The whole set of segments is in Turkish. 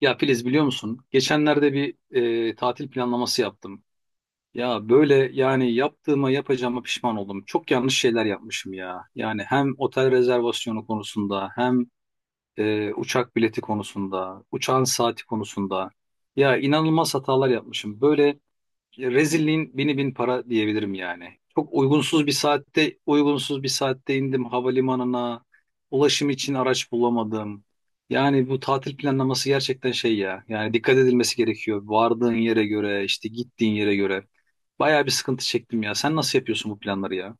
Ya Filiz biliyor musun? Geçenlerde bir tatil planlaması yaptım. Ya böyle yani yaptığıma yapacağıma pişman oldum. Çok yanlış şeyler yapmışım ya. Yani hem otel rezervasyonu konusunda hem uçak bileti konusunda, uçağın saati konusunda. Ya inanılmaz hatalar yapmışım. Böyle rezilliğin bini bin para diyebilirim yani. Çok uygunsuz bir saatte, uygunsuz bir saatte indim havalimanına. Ulaşım için araç bulamadım. Yani bu tatil planlaması gerçekten şey ya. Yani dikkat edilmesi gerekiyor. Vardığın yere göre, işte gittiğin yere göre. Bayağı bir sıkıntı çektim ya. Sen nasıl yapıyorsun bu planları ya?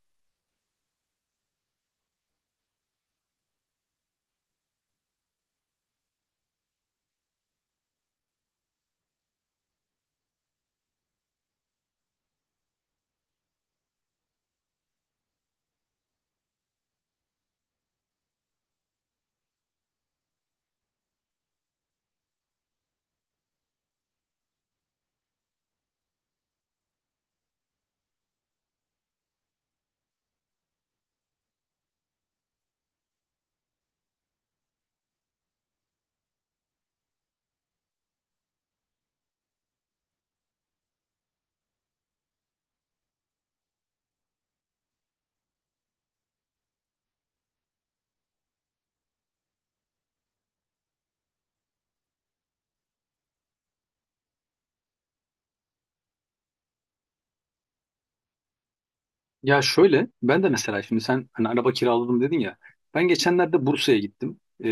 Ya şöyle, ben de mesela şimdi sen hani araba kiraladım dedin ya. Ben geçenlerde Bursa'ya gittim.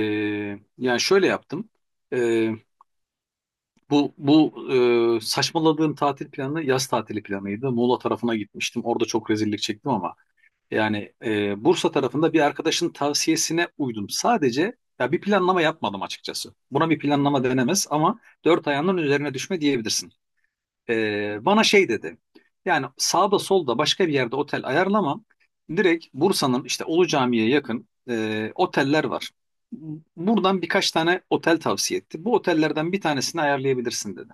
Yani şöyle yaptım. Ee, bu saçmaladığım tatil planı yaz tatili planıydı. Muğla tarafına gitmiştim. Orada çok rezillik çektim ama yani Bursa tarafında bir arkadaşın tavsiyesine uydum. Sadece ya bir planlama yapmadım açıkçası. Buna bir planlama denemez ama dört ayağının üzerine düşme diyebilirsin. Bana şey dedi. Yani sağda solda başka bir yerde otel ayarlamam. Direkt Bursa'nın işte Ulu Cami'ye yakın oteller var. Buradan birkaç tane otel tavsiye etti. Bu otellerden bir tanesini ayarlayabilirsin dedi.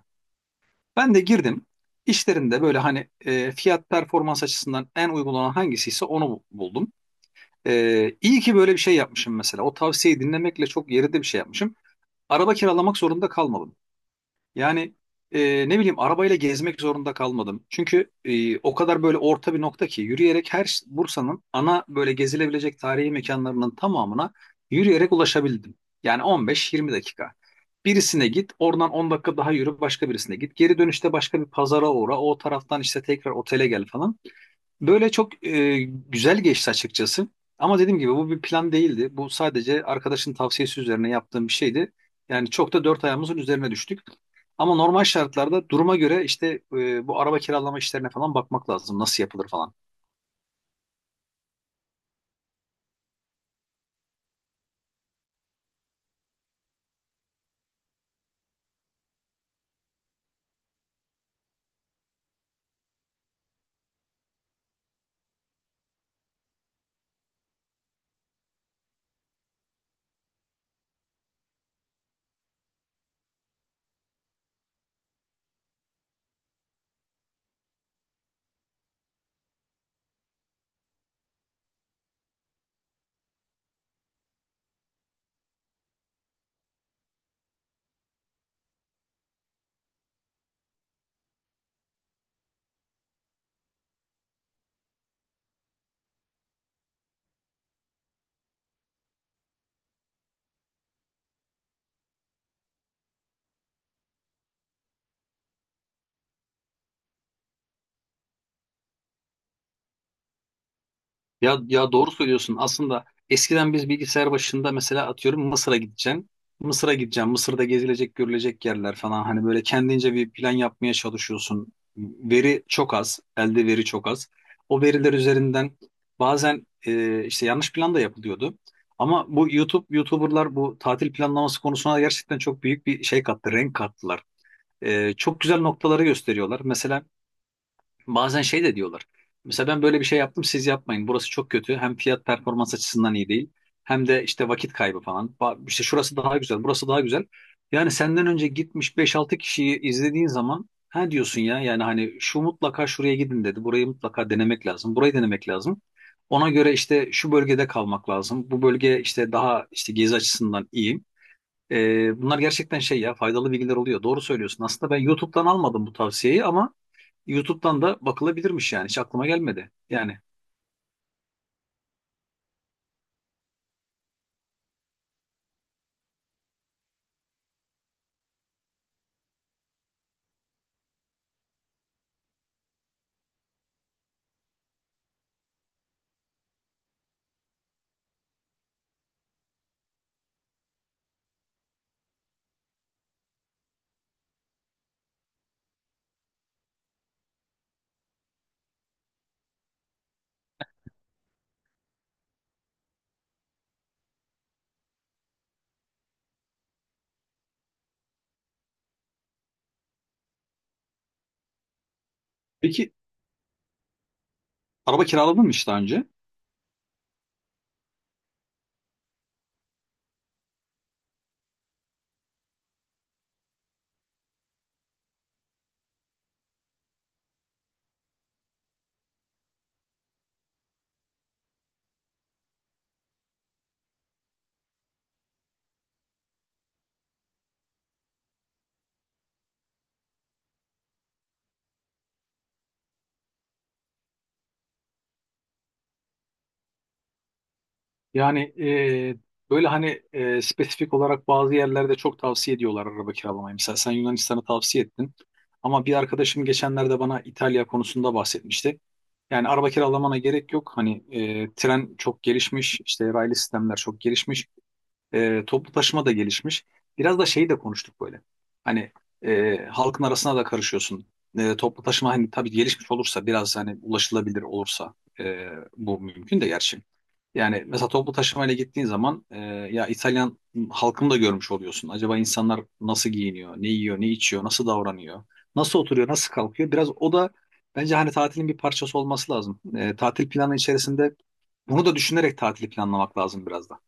Ben de girdim. İşlerinde böyle hani fiyat performans açısından en uygun olan hangisiyse onu buldum. İyi ki böyle bir şey yapmışım mesela. O tavsiyeyi dinlemekle çok yerinde bir şey yapmışım. Araba kiralamak zorunda kalmadım. Yani ne bileyim arabayla gezmek zorunda kalmadım. Çünkü o kadar böyle orta bir nokta ki yürüyerek Bursa'nın ana böyle gezilebilecek tarihi mekanlarının tamamına yürüyerek ulaşabildim. Yani 15-20 dakika. Birisine git, oradan 10 dakika daha yürü, başka birisine git. Geri dönüşte başka bir pazara uğra, o taraftan işte tekrar otele gel falan. Böyle çok güzel geçti açıkçası. Ama dediğim gibi bu bir plan değildi. Bu sadece arkadaşın tavsiyesi üzerine yaptığım bir şeydi. Yani çok da dört ayağımızın üzerine düştük. Ama normal şartlarda duruma göre işte bu araba kiralama işlerine falan bakmak lazım. Nasıl yapılır falan. Ya, ya doğru söylüyorsun. Aslında eskiden biz bilgisayar başında mesela atıyorum Mısır'a gideceksin. Mısır'a gideceğim. Mısır'da gezilecek, görülecek yerler falan. Hani böyle kendince bir plan yapmaya çalışıyorsun. Veri çok az. Elde veri çok az. O veriler üzerinden bazen işte yanlış plan da yapılıyordu. Ama bu YouTube, YouTuber'lar bu tatil planlaması konusuna gerçekten çok büyük bir şey kattı, renk kattılar. Çok güzel noktaları gösteriyorlar. Mesela bazen şey de diyorlar. Mesela ben böyle bir şey yaptım siz yapmayın. Burası çok kötü. Hem fiyat performans açısından iyi değil. Hem de işte vakit kaybı falan. İşte şurası daha güzel, burası daha güzel. Yani senden önce gitmiş beş altı kişiyi izlediğin zaman ha diyorsun ya yani hani şu mutlaka şuraya gidin dedi. Burayı mutlaka denemek lazım. Burayı denemek lazım. Ona göre işte şu bölgede kalmak lazım. Bu bölge işte daha işte gezi açısından iyi. Bunlar gerçekten şey ya faydalı bilgiler oluyor. Doğru söylüyorsun. Aslında ben YouTube'dan almadım bu tavsiyeyi ama YouTube'dan da bakılabilirmiş yani. Hiç aklıma gelmedi. Yani peki araba kiraladın mı hiç daha önce? Yani böyle hani spesifik olarak bazı yerlerde çok tavsiye ediyorlar araba kiralamayı. Mesela sen Yunanistan'ı tavsiye ettin. Ama bir arkadaşım geçenlerde bana İtalya konusunda bahsetmişti. Yani araba kiralamana gerek yok. Hani tren çok gelişmiş, işte raylı sistemler çok gelişmiş. Toplu taşıma da gelişmiş. Biraz da şeyi de konuştuk böyle. Hani halkın arasına da karışıyorsun. Toplu taşıma hani tabii gelişmiş olursa biraz hani ulaşılabilir olursa e, bu mümkün de gerçi. Yani mesela toplu taşımayla gittiğin zaman ya İtalyan halkını da görmüş oluyorsun. Acaba insanlar nasıl giyiniyor, ne yiyor, ne içiyor, nasıl davranıyor, nasıl oturuyor, nasıl kalkıyor? Biraz o da bence hani tatilin bir parçası olması lazım. Tatil planı içerisinde bunu da düşünerek tatili planlamak lazım biraz da.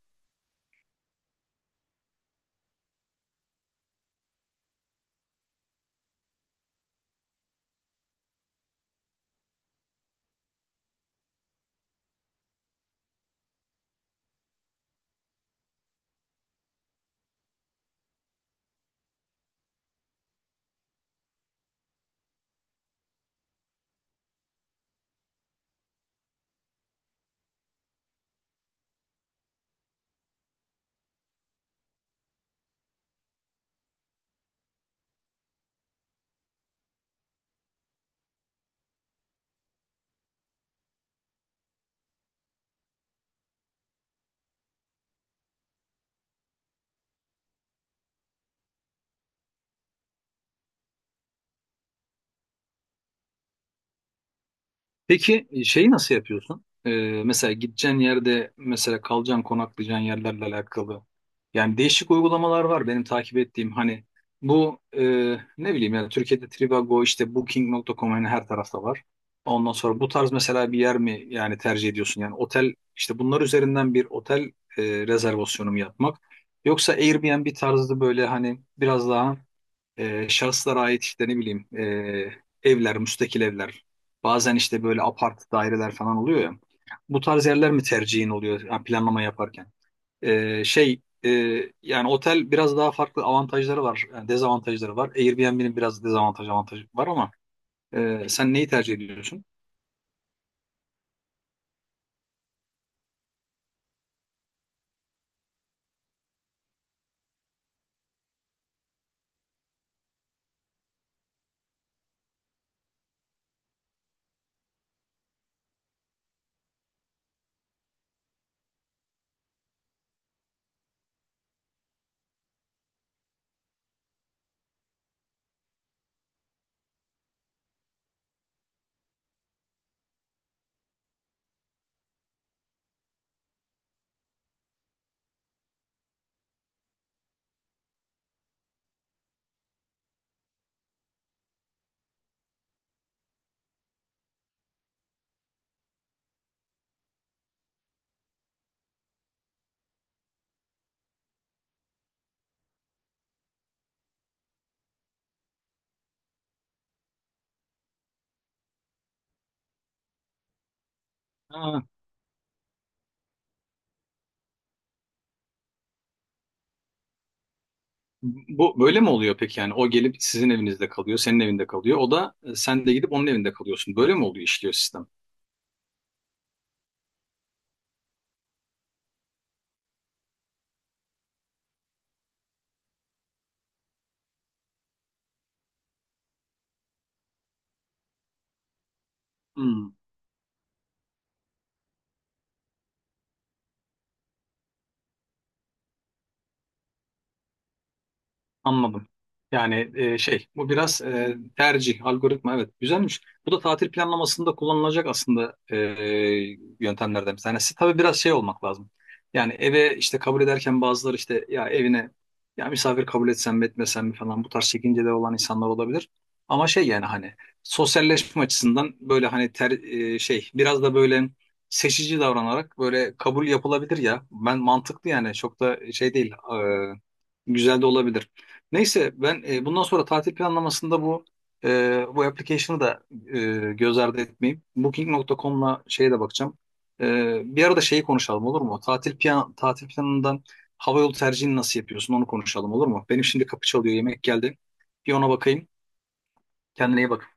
Peki şeyi nasıl yapıyorsun? Mesela gideceğin yerde mesela kalacağın konaklayacağın yerlerle alakalı. Yani değişik uygulamalar var benim takip ettiğim hani bu ne bileyim yani Türkiye'de Trivago işte Booking.com hani her tarafta var. Ondan sonra bu tarz mesela bir yer mi yani tercih ediyorsun? Yani otel işte bunlar üzerinden bir otel rezervasyonu mu yapmak? Yoksa Airbnb tarzı böyle hani biraz daha şahıslara ait işte ne bileyim evler, müstakil evler. Bazen işte böyle apart daireler falan oluyor ya. Bu tarz yerler mi tercihin oluyor yani planlama yaparken? Şey yani otel biraz daha farklı avantajları var, yani dezavantajları var. Airbnb'nin biraz dezavantaj avantajı var ama sen neyi tercih ediyorsun? Ha, bu böyle mi oluyor peki yani o gelip sizin evinizde kalıyor, senin evinde kalıyor. O da sen de gidip onun evinde kalıyorsun. Böyle mi oluyor işliyor sistem? Hmm. Anladım. Yani şey bu biraz tercih algoritma evet güzelmiş. Bu da tatil planlamasında kullanılacak aslında yöntemlerden bir tanesi. Tabii biraz şey olmak lazım. Yani eve işte kabul ederken bazıları işte ya evine ya misafir kabul etsem mi etmesem mi falan bu tarz çekinceleri olan insanlar olabilir. Ama şey yani hani sosyalleşme açısından böyle hani şey biraz da böyle seçici davranarak böyle kabul yapılabilir ya. Ben mantıklı yani çok da şey değil e, güzel de olabilir. Neyse ben bundan sonra tatil planlamasında bu application'ı da göz ardı etmeyeyim. Booking.com'la şeye de bakacağım. E, Bir arada şeyi konuşalım olur mu? Tatil planından havayolu tercihini nasıl yapıyorsun onu konuşalım olur mu? Benim şimdi kapı çalıyor yemek geldi. Bir ona bakayım. Kendine iyi bak.